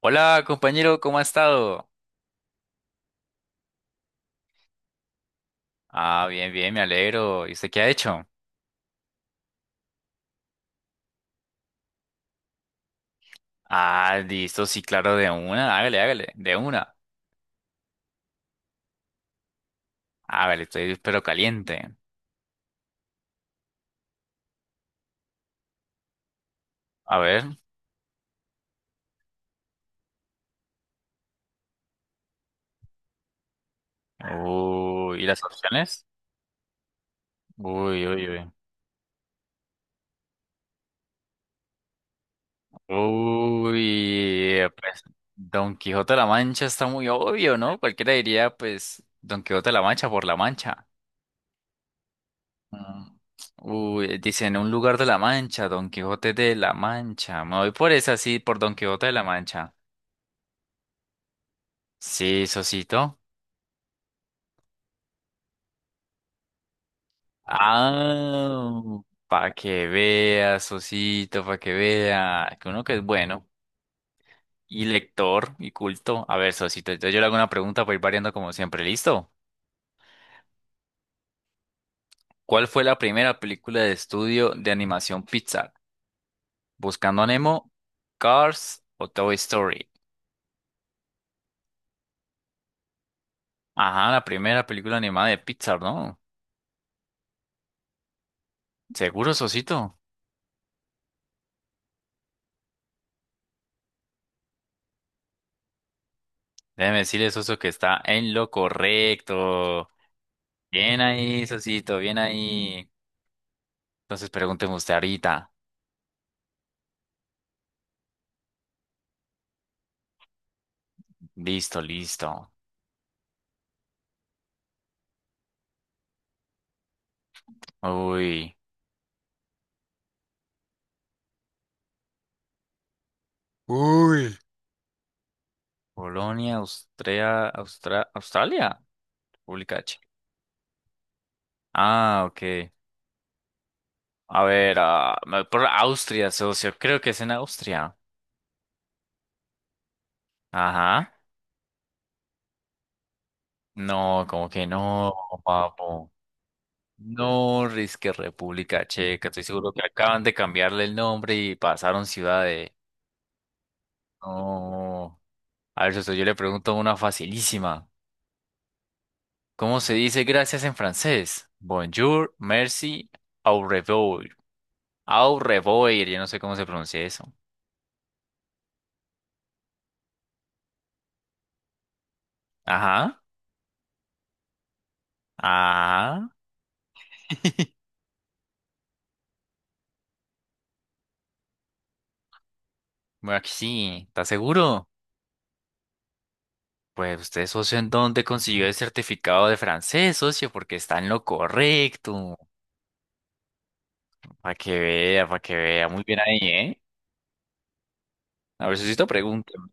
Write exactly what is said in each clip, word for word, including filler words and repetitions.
Hola, compañero, ¿cómo ha estado? Ah, bien, bien, me alegro. ¿Y usted qué ha hecho? Ah, listo, sí, claro, de una, hágale, hágale, de una. Hágale, estoy pero caliente. A ver. Uy, ¿y las opciones? Uy, uy, uy. Uy, eh, pues Don Quijote de la Mancha está muy obvio, ¿no? Cualquiera diría, pues, Don Quijote de la Mancha por la Mancha. Mm. Uy, dicen un lugar de la Mancha, Don Quijote de la Mancha. Me voy por esa, sí, por Don Quijote de la Mancha. Sí, Sosito. Ah, para que vea, Sosito, para que vea. Que uno que es bueno y lector y culto. A ver, Sosito, entonces yo le hago una pregunta para ir variando como siempre. ¿Listo? ¿Cuál fue la primera película de estudio de animación Pixar? ¿Buscando a Nemo, Cars o Toy Story? Ajá, la primera película animada de Pixar, ¿no? Seguro, Sosito. Déjeme decirle, Soso, que está en lo correcto. Bien ahí, Sosito, bien ahí. Entonces pregúnteme usted ahorita. Listo, listo. Uy. Uy. Polonia, Austria, Austra- Australia, República H. Ah, ok. A ver, ah, me voy por Austria, socio. Creo que es en Austria. Ajá. No, como que no, papo. No, risque República Checa. Estoy seguro que acaban de cambiarle el nombre y pasaron ciudad de. No. A ver, socio, yo le pregunto una facilísima. ¿Cómo se dice gracias en francés? Bonjour, merci, au revoir. Au revoir, yo no sé cómo se pronuncia eso. Ajá, ajá. Bueno, aquí sí. ¿Estás seguro? Pues usted, socio, ¿en dónde consiguió el certificado de francés, socio? Porque está en lo correcto. Para que vea, para que vea. Muy bien ahí, ¿eh? A ver, sociito, pregúnteme.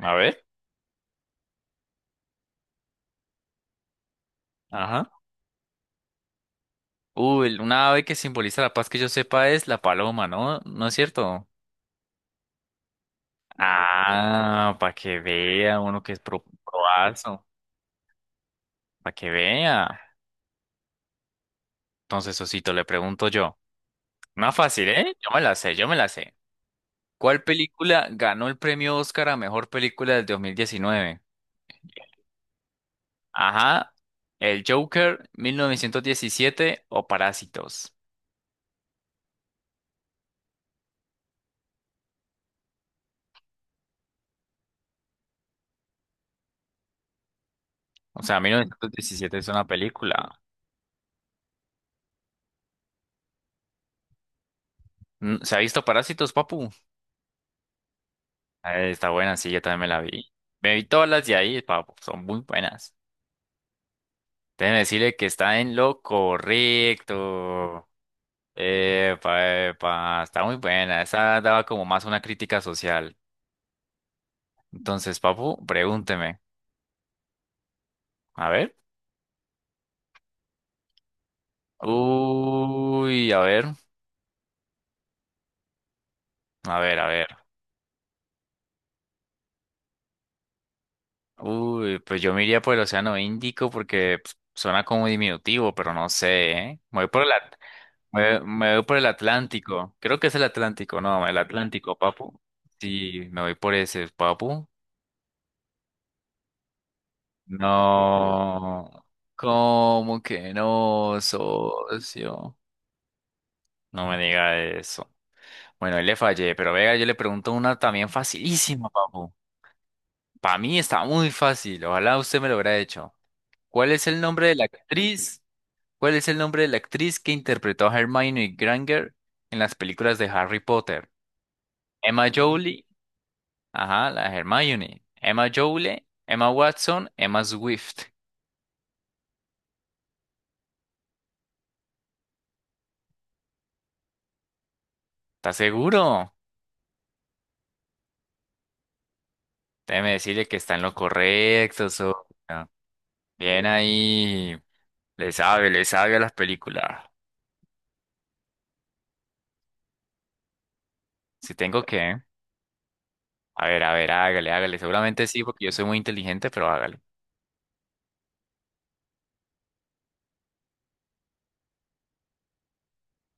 A ver. Ajá. Uy, una ave que simboliza la paz que yo sepa es la paloma, ¿no? ¿No es cierto? Ah, para que vea uno que es pro, proazo, para que vea. Entonces, Osito, le pregunto yo. Más fácil, ¿eh? Yo me la sé, yo me la sé. ¿Cuál película ganó el premio Oscar a mejor película del dos mil diecinueve? Ajá, El Joker, mil novecientos diecisiete o Parásitos. O sea, mil novecientos diecisiete es una película. Mm, ¿se ha visto Parásitos, papu? Eh, Está buena, sí, yo también me la vi. Me vi todas las de ahí, papu, son muy buenas. Déjeme decirle que está en lo correcto. Epa, epa, está muy buena. Esa daba como más una crítica social. Entonces, papu, pregúnteme. A ver. Uy, a ver, a ver, a ver. Uy, pues yo me iría por el Océano Índico porque pues, suena como diminutivo, pero no sé, ¿eh? Me voy por el, At- me, me voy por el Atlántico. Creo que es el Atlántico, no, el Atlántico, papu. Sí, me voy por ese, papu. No, ¿cómo que no, socio? No me diga eso. Bueno, ahí le fallé, pero venga, yo le pregunto una también facilísima, papu. Para mí está muy fácil, ojalá usted me lo hubiera hecho. ¿Cuál es el nombre de la actriz? ¿Cuál es el nombre de la actriz que interpretó a Hermione Granger en las películas de Harry Potter? Emma Jolie, ajá, la Hermione. Emma Jolie, Emma Watson, Emma Swift. ¿Estás seguro? Déjeme decirle que está en lo correcto, sobrina. Bien ahí. Le sabe, le sabe a las películas. Si tengo que. A ver, a ver, hágale, hágale. Seguramente sí, porque yo soy muy inteligente, pero hágale.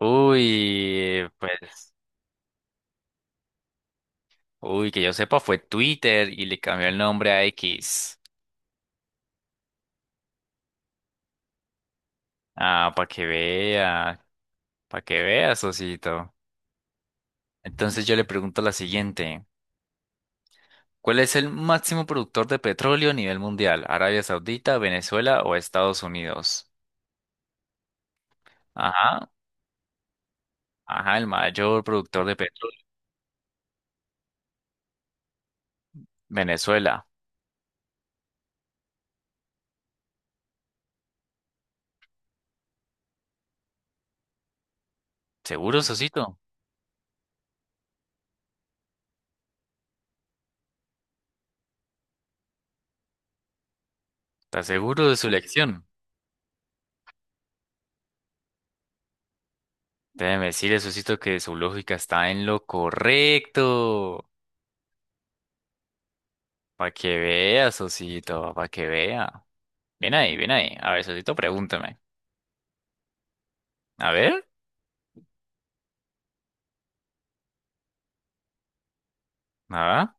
Uy, pues. Uy, que yo sepa, fue Twitter y le cambió el nombre a X. Ah, para que vea. Para que vea, Sosito. Entonces yo le pregunto la siguiente. ¿Cuál es el máximo productor de petróleo a nivel mundial? ¿Arabia Saudita, Venezuela o Estados Unidos? Ajá. Ajá, el mayor productor de petróleo. Venezuela. ¿Seguro, Sosito? ¿Estás seguro de su elección? Déjeme decirle, Sosito, que su lógica está en lo correcto. Para que vea, Sosito, para que vea. Bien ahí, bien ahí. A ver, Sosito, pregúntame. A ver, ¿nada?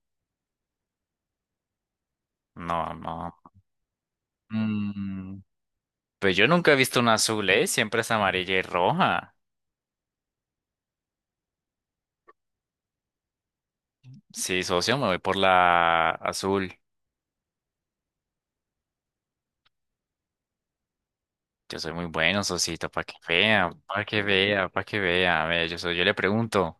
No, no. Mm, pues yo nunca he visto una azul, ¿eh? Siempre es amarilla y roja. Sí, socio, me voy por la azul. Yo soy muy bueno, socito, para que vea, para que vea, para que vea. A ver, yo soy, yo le pregunto,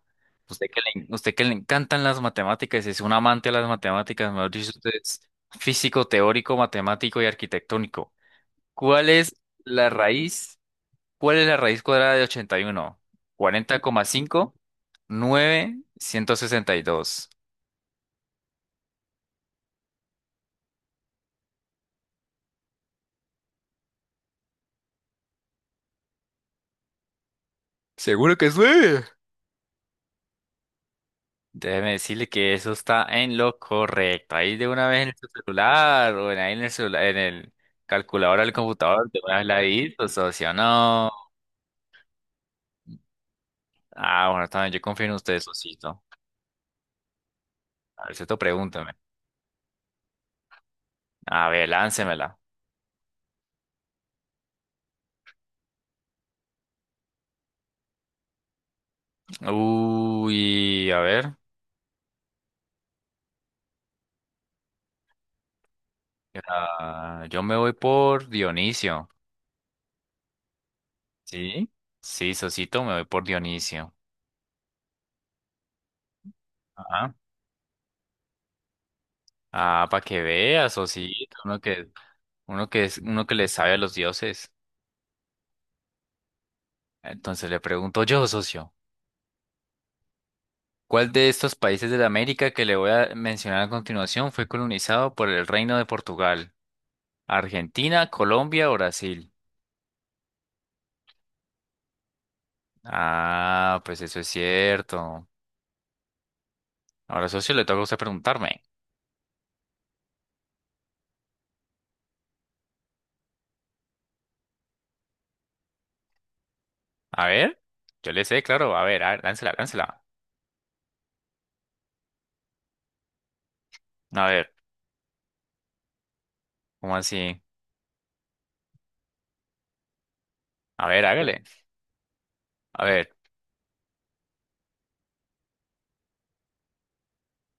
usted que le, usted que le encantan las matemáticas, es un amante de las matemáticas, mejor dicho, usted es físico, teórico, matemático y arquitectónico. ¿Cuál es la raíz? ¿Cuál es la raíz cuadrada de ochenta y uno? Cuarenta coma cinco nueve ciento sesenta y dos. Seguro que es nueve. Déjeme decirle que eso está en lo correcto. Ahí de una vez en su celular o en ahí en el celular, en el calculador del computador, de una vez la hizo, socio. No. Ah, bueno, también yo confío en usted, socito. A ver, cierto, pregúntame. A ver, láncemela. Uy, a ver. Ah, yo me voy por Dionisio. ¿Sí? Sí, socito, me voy por Dionisio. Ajá. Ah, para que veas, socito. Uno que, uno que es, uno que le sabe a los dioses. Entonces le pregunto yo, socio, ¿cuál de estos países de la América que le voy a mencionar a continuación fue colonizado por el Reino de Portugal? ¿Argentina, Colombia o Brasil? Ah, pues eso es cierto. Ahora, socio, le toca a usted preguntarme. A ver, yo le sé, claro. A ver, a ver, láncela, láncela. A ver, ¿cómo así? A ver, hágale. A ver,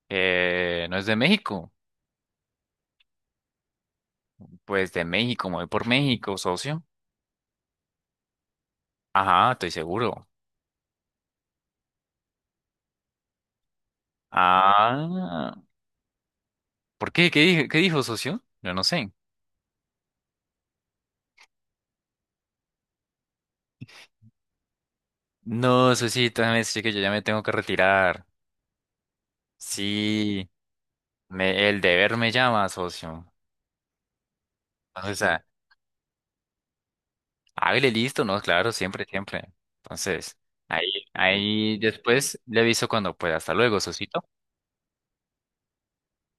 eh, ¿no es de México? Pues de México, me voy por México, socio. Ajá, estoy seguro. Ah. ¿Por qué? ¿Qué dijo, qué dijo, socio? Yo no sé. No, socito, déjame decir que yo ya me tengo que retirar. Sí, me, el deber me llama, socio. Entonces, ah, hágale listo, ¿no? Claro, siempre, siempre. Entonces, ahí, ahí después le aviso cuando pueda. Hasta luego, socito.